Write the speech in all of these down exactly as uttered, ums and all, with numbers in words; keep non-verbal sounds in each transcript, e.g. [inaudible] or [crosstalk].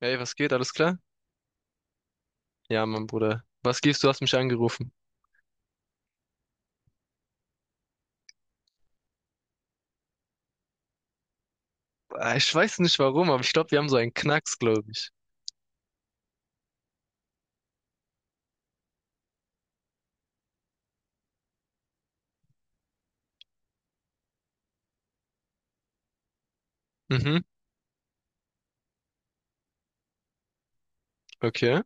Hey, was geht? Alles klar? Ja, mein Bruder. Was gibst du? Hast mich angerufen. Ah, Ich weiß nicht warum, aber ich glaube, wir haben so einen Knacks, glaube ich. Mhm, okay.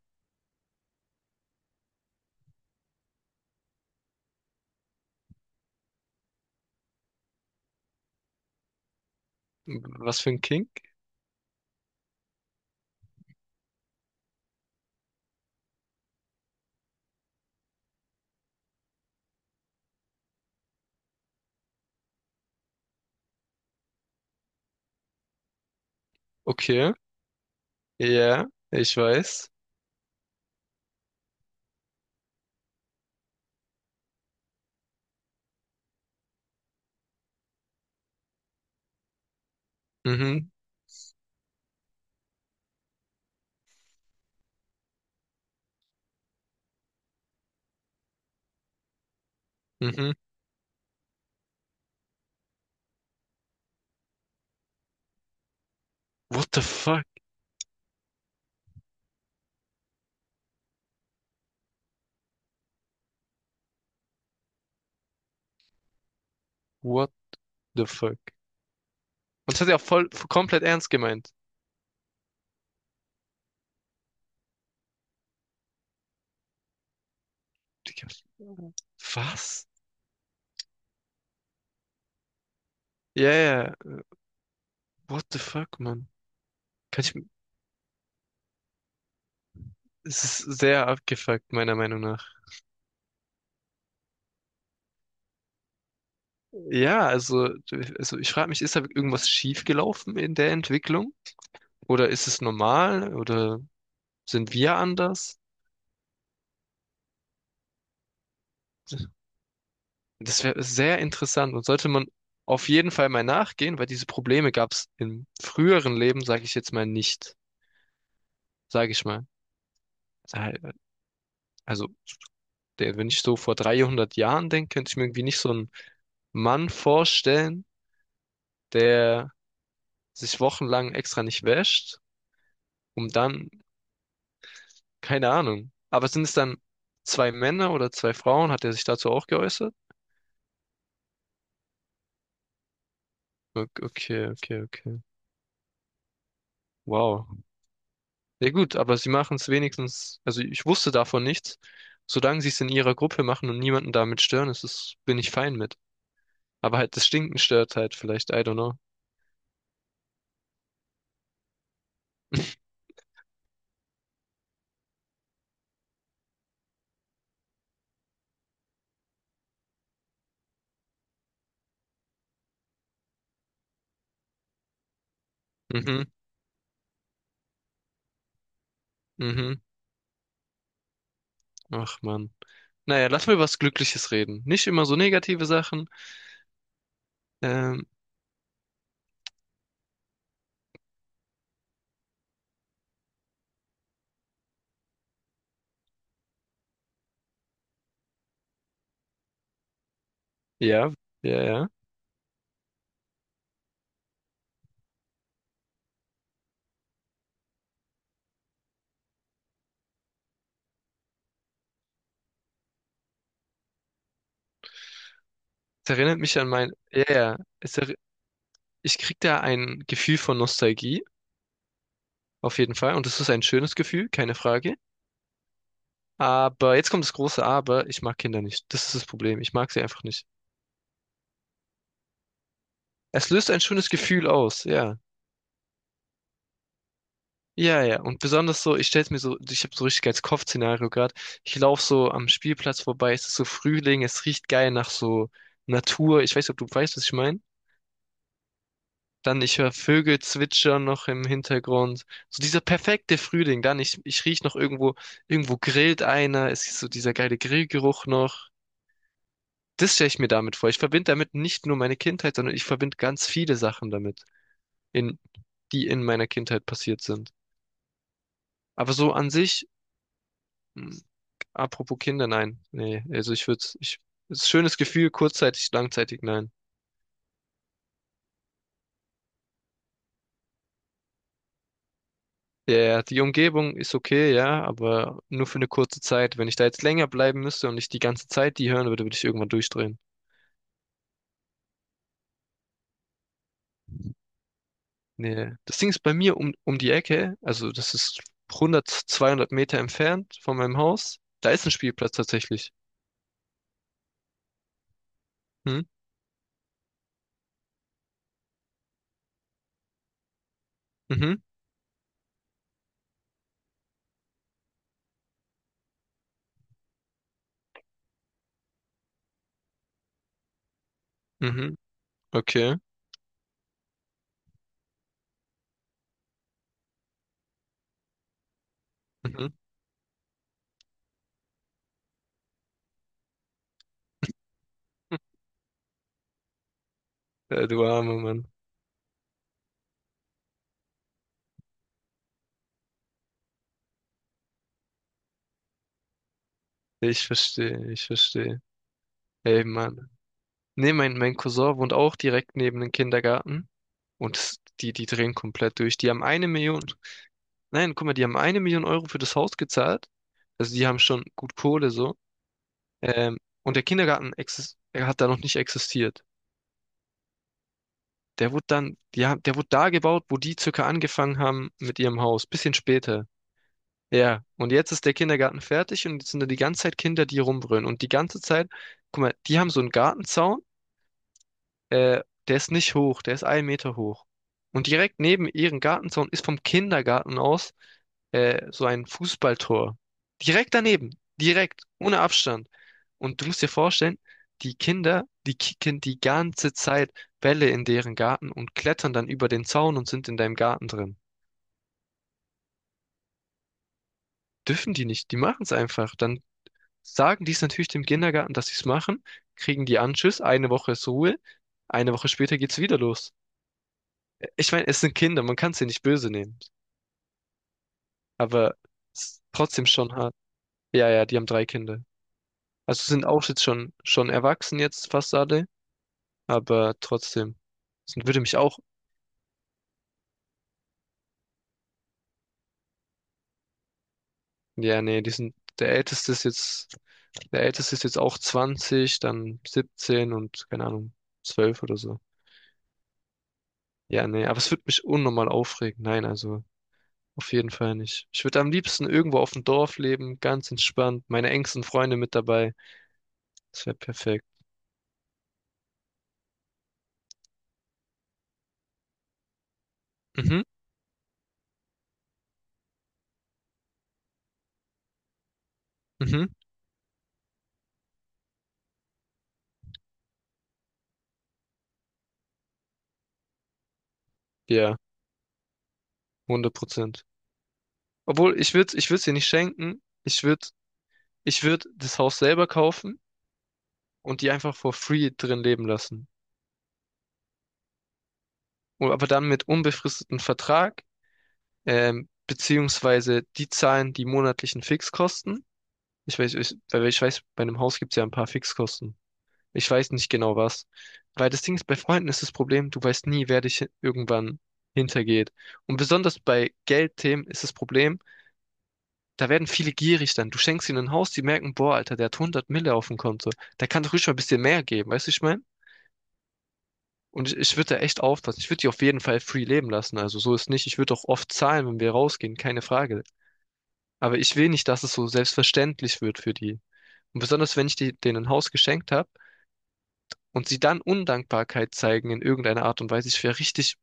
Was für ein Kink? Okay. Ja, ich weiß. Mhm, mhm. What the fuck? What the fuck? Und das hat er auch voll komplett ernst gemeint. Digga, was? Ja, yeah, what the fuck, Mann? Kann ich, Es ist sehr abgefuckt, meiner Meinung nach. Ja, also, also ich frage mich, ist da irgendwas schiefgelaufen in der Entwicklung? Oder ist es normal? Oder sind wir anders? Das wäre sehr interessant und sollte man auf jeden Fall mal nachgehen, weil diese Probleme gab es im früheren Leben, sage ich jetzt mal nicht, sage ich mal. Äh, Also, der, Wenn ich so vor dreihundert Jahren denke, könnte ich mir irgendwie nicht so einen Mann vorstellen, der sich wochenlang extra nicht wäscht, um dann, keine Ahnung. Aber sind es dann zwei Männer oder zwei Frauen? Hat er sich dazu auch geäußert? Ok- Okay, okay, okay. Wow. Ja gut, aber sie machen es wenigstens, also ich wusste davon nichts. Solange sie es in ihrer Gruppe machen und niemanden damit stören, ist es, bin ich fein mit. Aber halt das Stinken stört halt vielleicht, I don't know. [laughs] Mhm, mhm. Ach Mann. Naja, lass mal über was Glückliches reden. Nicht immer so negative Sachen. Ähm, ja, ja, ja. Es erinnert mich an mein, ja, ja. Es erri- ich krieg da ein Gefühl von Nostalgie, auf jeden Fall. Und es ist ein schönes Gefühl, keine Frage. Aber jetzt kommt das große Aber, ich mag Kinder nicht. Das ist das Problem. Ich mag sie einfach nicht. Es löst ein schönes Gefühl aus, ja. Ja, ja. Und besonders so, ich stell's mir so, ich habe so richtig als Kopfszenario gerade. Ich laufe so am Spielplatz vorbei, es ist so Frühling, es riecht geil nach so Natur. Ich weiß nicht, ob du weißt, was ich meine. Dann ich höre Vögel zwitschern noch im Hintergrund. So dieser perfekte Frühling. Dann ich, ich riech noch irgendwo, irgendwo grillt einer. Es ist so dieser geile Grillgeruch noch. Das stelle ich mir damit vor. Ich verbinde damit nicht nur meine Kindheit, sondern ich verbinde ganz viele Sachen damit, in, die in meiner Kindheit passiert sind. Aber so an sich. Hm. Apropos Kinder, nein. Nee, also ich würde, ich, es ist ein schönes Gefühl, kurzzeitig, langzeitig, nein. Der, die Umgebung ist okay, ja, aber nur für eine kurze Zeit. Wenn ich da jetzt länger bleiben müsste und ich die ganze Zeit die hören würde, würde ich irgendwann durchdrehen. Nee. Das Ding ist bei mir um, um die Ecke, also das ist hundert, zweihundert Meter entfernt von meinem Haus. Da ist ein Spielplatz tatsächlich. Hm? Mhm, mhm, okay. Mhm. [laughs] Äh, du armer Mann. Ich verstehe, ich verstehe. Ey, Mann. Nee, mein, mein Cousin wohnt auch direkt neben dem Kindergarten. Und s- die, die drehen komplett durch. Die haben eine Million, nein, guck mal, die haben eine Million Euro für das Haus gezahlt. Also die haben schon gut Kohle so. Ähm, und der Kindergarten exist er hat da noch nicht existiert. Der wurde dann, die haben, der wurde da gebaut, wo die circa angefangen haben mit ihrem Haus. Bisschen später. Ja, und jetzt ist der Kindergarten fertig und jetzt sind da die ganze Zeit Kinder, die rumbrüllen. Und die ganze Zeit, guck mal, die haben so einen Gartenzaun. Äh, der ist nicht hoch, der ist einen Meter hoch. Und direkt neben ihrem Gartenzaun ist vom Kindergarten aus äh, so ein Fußballtor. Direkt daneben, direkt, ohne Abstand. Und du musst dir vorstellen, die Kinder, die kicken die ganze Zeit Bälle in deren Garten und klettern dann über den Zaun und sind in deinem Garten drin. Dürfen die nicht, die machen es einfach. Dann sagen die es natürlich dem Kindergarten, dass sie es machen, kriegen die Anschiss, eine Woche ist Ruhe, eine Woche später geht's wieder los. Ich meine, es sind Kinder, man kann sie nicht böse nehmen. Aber es ist trotzdem schon hart. Ja, ja, die haben drei Kinder. Also sind auch jetzt schon, schon erwachsen jetzt fast alle, aber trotzdem. Das würde mich auch. Ja, nee, die sind, der Älteste ist jetzt, der Älteste ist jetzt auch zwanzig, dann siebzehn und keine Ahnung, zwölf oder so. Ja, nee, aber es würde mich unnormal aufregen. Nein, also auf jeden Fall nicht. Ich würde am liebsten irgendwo auf dem Dorf leben, ganz entspannt, meine engsten Freunde mit dabei. Das wäre perfekt. Mhm, mhm. Ja, hundert Prozent. Obwohl, ich würde ich würde sie nicht schenken. Ich würde ich würd das Haus selber kaufen und die einfach for free drin leben lassen. Und, aber dann mit unbefristetem Vertrag, ähm, beziehungsweise die zahlen die monatlichen Fixkosten. Ich weiß, ich, weil ich weiß, bei einem Haus gibt es ja ein paar Fixkosten. Ich weiß nicht genau was. Weil das Ding ist, bei Freunden ist das Problem, du weißt nie, wer dich irgendwann hintergeht. Und besonders bei Geldthemen ist das Problem, da werden viele gierig dann. Du schenkst ihnen ein Haus, die merken, boah, Alter, der hat hundert Mille auf dem Konto. Der kann doch ruhig mal ein bisschen mehr geben, weißt du, ich mein? Und ich, ich würde da echt aufpassen. Ich würde die auf jeden Fall free leben lassen. Also so ist nicht. Ich würde auch oft zahlen, wenn wir rausgehen, keine Frage. Aber ich will nicht, dass es so selbstverständlich wird für die. Und besonders, wenn ich die, denen ein Haus geschenkt habe und sie dann Undankbarkeit zeigen in irgendeiner Art und Weise. Ich wäre richtig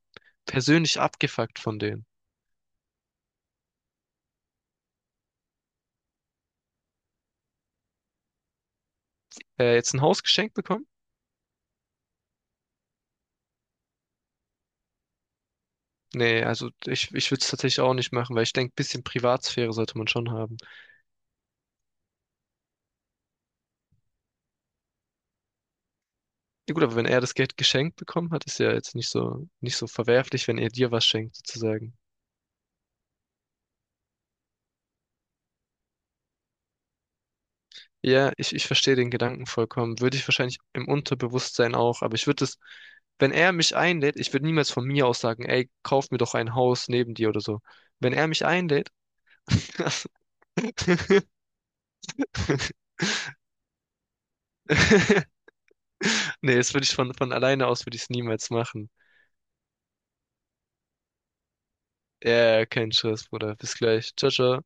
persönlich abgefuckt von denen. Äh, jetzt ein Haus geschenkt bekommen? Nee, also ich, ich würde es tatsächlich auch nicht machen, weil ich denke, bisschen Privatsphäre sollte man schon haben. Ja gut, aber wenn er das Geld geschenkt bekommen hat, ist ja jetzt nicht so, nicht so verwerflich, wenn er dir was schenkt, sozusagen. Ja, ich, ich verstehe den Gedanken vollkommen. Würde ich wahrscheinlich im Unterbewusstsein auch, aber ich würde es, wenn er mich einlädt, ich würde niemals von mir aus sagen, ey, kauf mir doch ein Haus neben dir oder so. Wenn er mich einlädt, [laughs] nee, das würde ich von, von alleine aus, würde ich es niemals machen. Ja, kein Stress, Bruder. Bis gleich. Ciao, ciao.